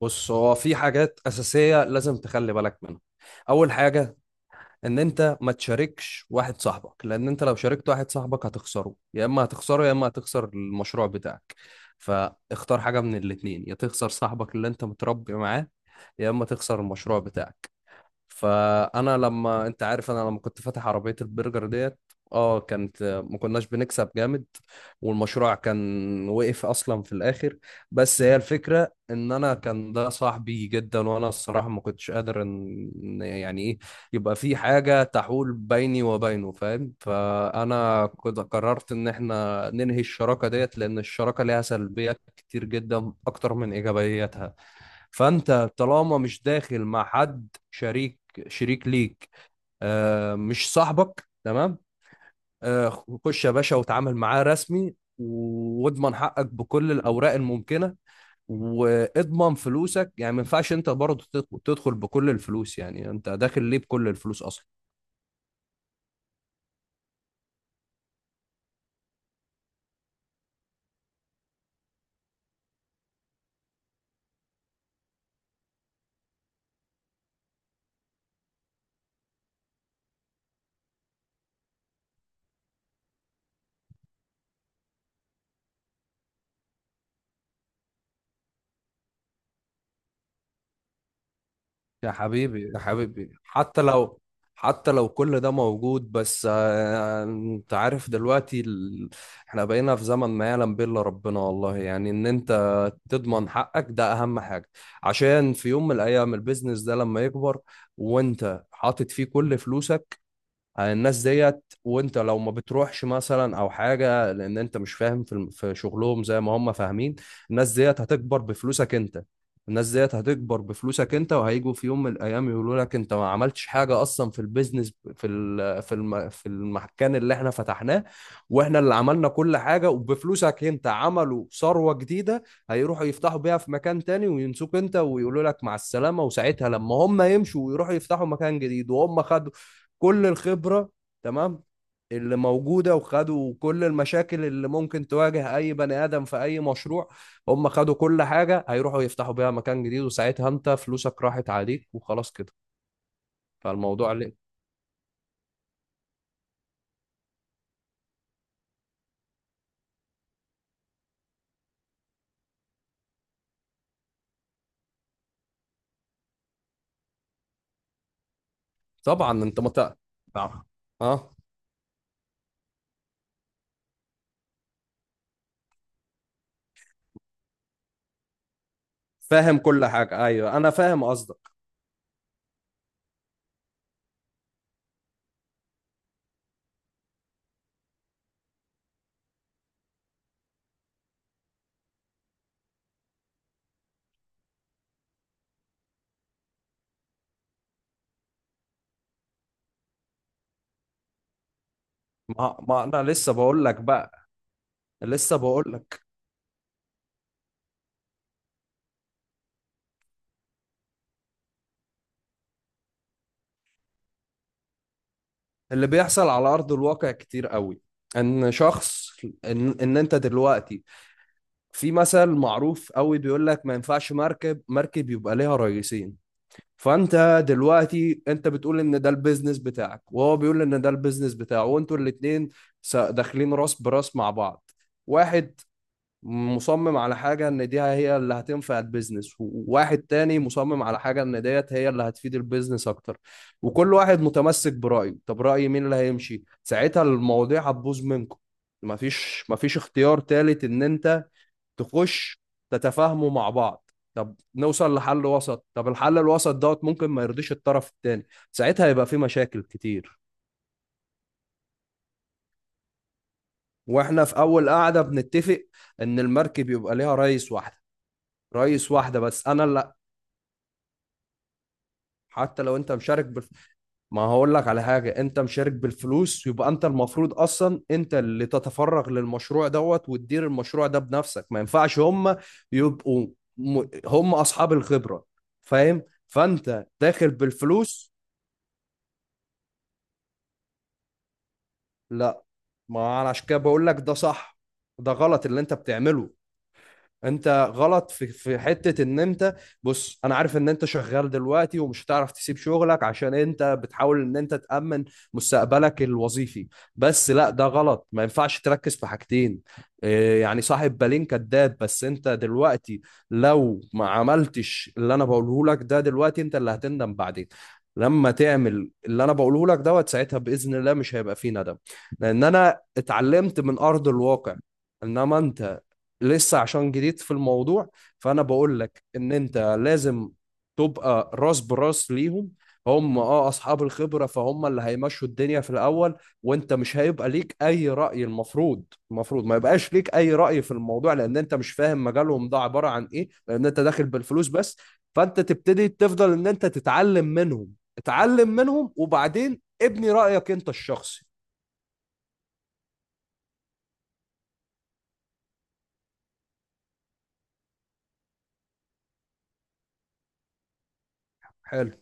بص، هو في حاجات أساسية لازم تخلي بالك منها. أول حاجة، إن أنت ما تشاركش واحد صاحبك، لأن أنت لو شاركت واحد صاحبك هتخسره، يا إما هتخسره يا إما هتخسر المشروع بتاعك. فاختار حاجة من الاتنين، يا تخسر صاحبك اللي أنت متربي معاه يا إما تخسر المشروع بتاعك. فانا لما انت عارف انا لما كنت فاتح عربيه البرجر ديت، اه كانت ما كناش بنكسب جامد، والمشروع كان وقف اصلا في الاخر. بس هي الفكره ان انا كان ده صاحبي جدا، وانا الصراحه ما كنتش قادر إن يعني ايه يبقى في حاجه تحول بيني وبينه، فاهم؟ فانا كنت قررت ان احنا ننهي الشراكه ديت، لان الشراكه ليها سلبيات كتير جدا اكتر من ايجابياتها. فانت طالما مش داخل مع حد شريك ليك، آه، مش صاحبك، تمام؟ آه، خش يا باشا وتعامل معاه رسمي، واضمن حقك بكل الاوراق الممكنه، واضمن فلوسك. يعني ما ينفعش انت برضه تدخل بكل الفلوس. يعني انت داخل ليه بكل الفلوس اصلا؟ يا حبيبي يا حبيبي، حتى لو حتى لو كل ده موجود، بس آه، انت عارف دلوقتي احنا بقينا في زمن ما يعلم به الا ربنا، والله. يعني ان انت تضمن حقك ده اهم حاجة، عشان في يوم من الايام البيزنس ده لما يكبر وانت حاطط فيه كل فلوسك على الناس ديت، وانت لو ما بتروحش مثلا او حاجه لان انت مش فاهم في في شغلهم زي ما هم فاهمين، الناس ديت هتكبر بفلوسك انت. الناس ديت هتكبر بفلوسك انت وهيجوا في يوم من الايام يقولوا لك انت ما عملتش حاجه اصلا في البيزنس، في في في المكان اللي احنا فتحناه، واحنا اللي عملنا كل حاجه، وبفلوسك انت عملوا ثروه جديده. هيروحوا يفتحوا بيها في مكان تاني وينسوك انت ويقولوا لك مع السلامه. وساعتها لما هم يمشوا ويروحوا يفتحوا مكان جديد وهم خدوا كل الخبرة، تمام، اللي موجودة، وخدوا كل المشاكل اللي ممكن تواجه أي بني آدم في أي مشروع، هم خدوا كل حاجة، هيروحوا يفتحوا بيها مكان جديد، وساعتها أنت فلوسك راحت عليك وخلاص كده. فالموضوع ليه؟ طبعا أنت نعم. أه، فاهم كل حاجة، أيوه، أنا فاهم قصدك. ما أنا لسه بقول لك بقى، لسه بقول لك. اللي بيحصل على أرض الواقع كتير قوي. ان شخص، إن انت دلوقتي، في مثل معروف قوي بيقول لك ما ينفعش مركب يبقى ليها رئيسين. فانت دلوقتي انت بتقول ان ده البيزنس بتاعك، وهو بيقول ان ده البيزنس بتاعه، وانتوا الاتنين داخلين راس براس مع بعض. واحد مصمم على حاجة ان دي هي اللي هتنفع البيزنس، وواحد تاني مصمم على حاجة ان ديت هي اللي هتفيد البيزنس اكتر، وكل واحد متمسك برأيه. طب رأي مين اللي هيمشي؟ ساعتها المواضيع هتبوظ منكم. مفيش اختيار تالت، ان انت تخش تتفاهموا مع بعض، طب نوصل لحل وسط، طب الحل الوسط دوت ممكن ما يرضيش الطرف التاني، ساعتها يبقى في مشاكل كتير. واحنا في اول قعده بنتفق ان المركب يبقى ليها رئيس واحده، رئيس واحده بس، انا لا. حتى لو انت مشارك ما هقول لك على حاجه، انت مشارك بالفلوس يبقى انت المفروض اصلا انت اللي تتفرغ للمشروع دوت وتدير المشروع ده بنفسك. ما ينفعش هم يبقوا هم اصحاب الخبره، فاهم؟ فانت داخل بالفلوس. لا، ما انا عشان كده بقول لك ده صح، ده غلط اللي انت بتعمله. انت غلط في حته ان انت، بص انا عارف ان انت شغال دلوقتي، ومش هتعرف تسيب شغلك عشان انت بتحاول ان انت تامن مستقبلك الوظيفي، بس لا، ده غلط. ما ينفعش تركز في حاجتين، إيه، يعني صاحب بالين كداب. بس انت دلوقتي لو ما عملتش اللي انا بقوله لك ده دلوقتي، انت اللي هتندم بعدين. لما تعمل اللي انا بقوله لك دوت، ساعتها باذن الله مش هيبقى فيه ندم، لان انا اتعلمت من ارض الواقع. انما انت لسه، عشان جديد في الموضوع، فانا بقول لك ان انت لازم تبقى راس براس ليهم. هم اه اصحاب الخبره، فهم اللي هيمشوا الدنيا في الاول، وانت مش هيبقى ليك اي راي. المفروض المفروض ما يبقاش ليك اي راي في الموضوع، لان انت مش فاهم مجالهم ده عباره عن ايه، لان انت داخل بالفلوس بس. فانت تبتدي تفضل ان انت تتعلم منهم، اتعلم منهم، وبعدين ابني رايك انت الشخصي. حلو،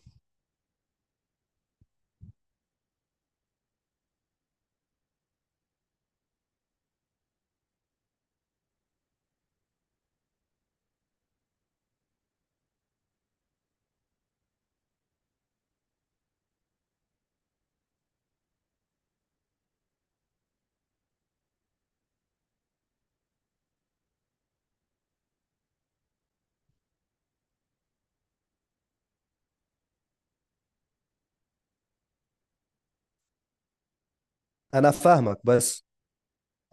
انا فاهمك، بس.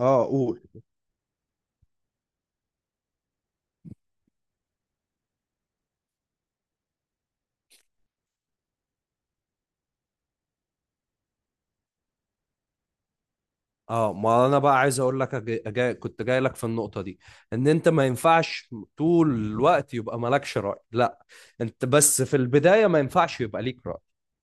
اه قول. اه، ما انا بقى عايز اقول لك كنت جاي لك في النقطه دي. ان انت ما ينفعش طول الوقت يبقى مالكش راي، لا، انت بس في البداية ما ينفعش يبقى ليك رأي،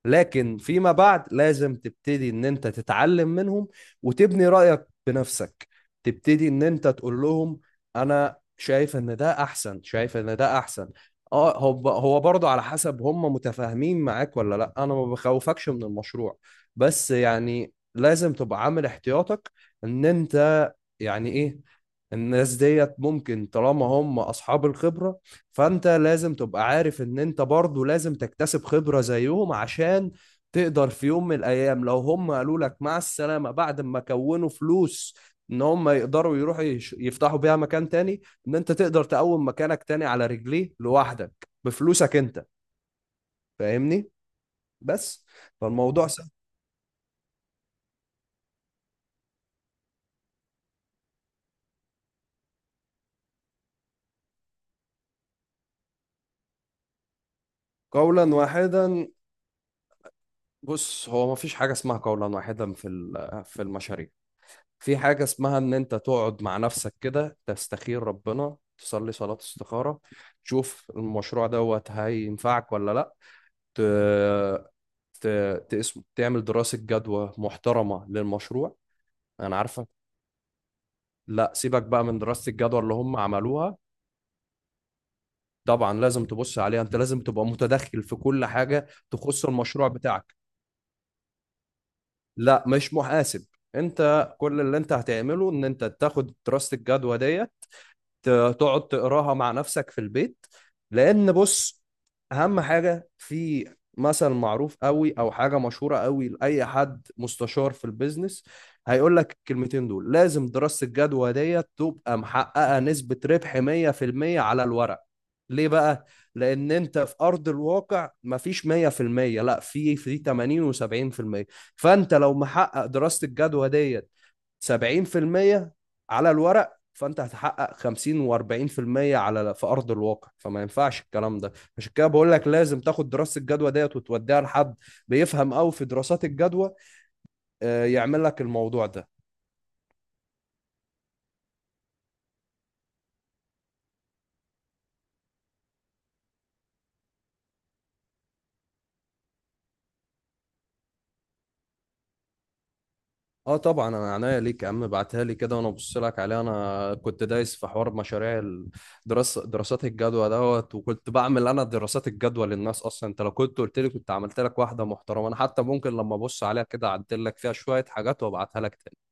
لكن فيما بعد لازم تبتدي ان انت تتعلم منهم، وتبني رأيك بنفسك، تبتدي ان انت تقول لهم انا شايف ان ده احسن، شايف ان ده احسن. اه، هو هو برضه على حسب هم متفاهمين معاك ولا لا. انا ما بخوفكش من المشروع، بس يعني لازم تبقى عامل احتياطك. ان انت يعني ايه؟ الناس ديت ممكن، طالما هم اصحاب الخبرة، فانت لازم تبقى عارف ان انت برضو لازم تكتسب خبرة زيهم، عشان تقدر في يوم من الايام لو هم قالوا لك مع السلامة بعد ما كونوا فلوس ان هم يقدروا يروحوا يفتحوا بيها مكان تاني، ان انت تقدر تقوم مكانك تاني على رجليه لوحدك بفلوسك انت. فاهمني؟ بس. فالموضوع سهل. قولا واحدا؟ بص، هو مفيش حاجة اسمها قولا واحدا في في المشاريع. في حاجة اسمها إن أنت تقعد مع نفسك كده، تستخير ربنا، تصلي صلاة استخارة، تشوف المشروع دوت هينفعك ولا لأ، ت... ت... تقسمه، تعمل دراسة جدوى محترمة للمشروع. أنا عارفك، لأ سيبك بقى من دراسة الجدوى اللي هم عملوها. طبعا لازم تبص عليها، أنت لازم تبقى متدخل في كل حاجة تخص المشروع بتاعك. لأ، مش محاسب، أنت كل اللي أنت هتعمله إن أنت تاخد دراسة الجدوى دي ت- تقعد تقراها مع نفسك في البيت. لان بص، اهم حاجه في، مثل معروف قوي او حاجه مشهوره قوي لاي حد مستشار في البيزنس، هيقول لك الكلمتين دول، لازم دراسه الجدوى ديت تبقى محققه نسبه ربح 100% على الورق. ليه بقى؟ لان انت في ارض الواقع مفيش 100%، لا، في في 80 و70%. فانت لو محقق دراسه الجدوى دي 70% على الورق، فانت هتحقق 50 و40% على في ارض الواقع، فما ينفعش الكلام ده. عشان كده بقول لك لازم تاخد دراسه الجدوى ديت وتوديها لحد بيفهم قوي في دراسات الجدوى، آه، يعمل لك الموضوع ده. اه طبعا، انا عناية ليك يا عم، ابعتها لي كده وانا ابص لك عليها. انا كنت دايس في حوار مشاريع، الدراسه، دراسات الجدوى دوت، وكنت بعمل انا دراسات الجدوى للناس اصلا. انت لو كنت قلت لي كنت عملت لك واحده محترمه. انا حتى ممكن لما ابص عليها كده اعدل لك فيها شويه حاجات وابعتها لك.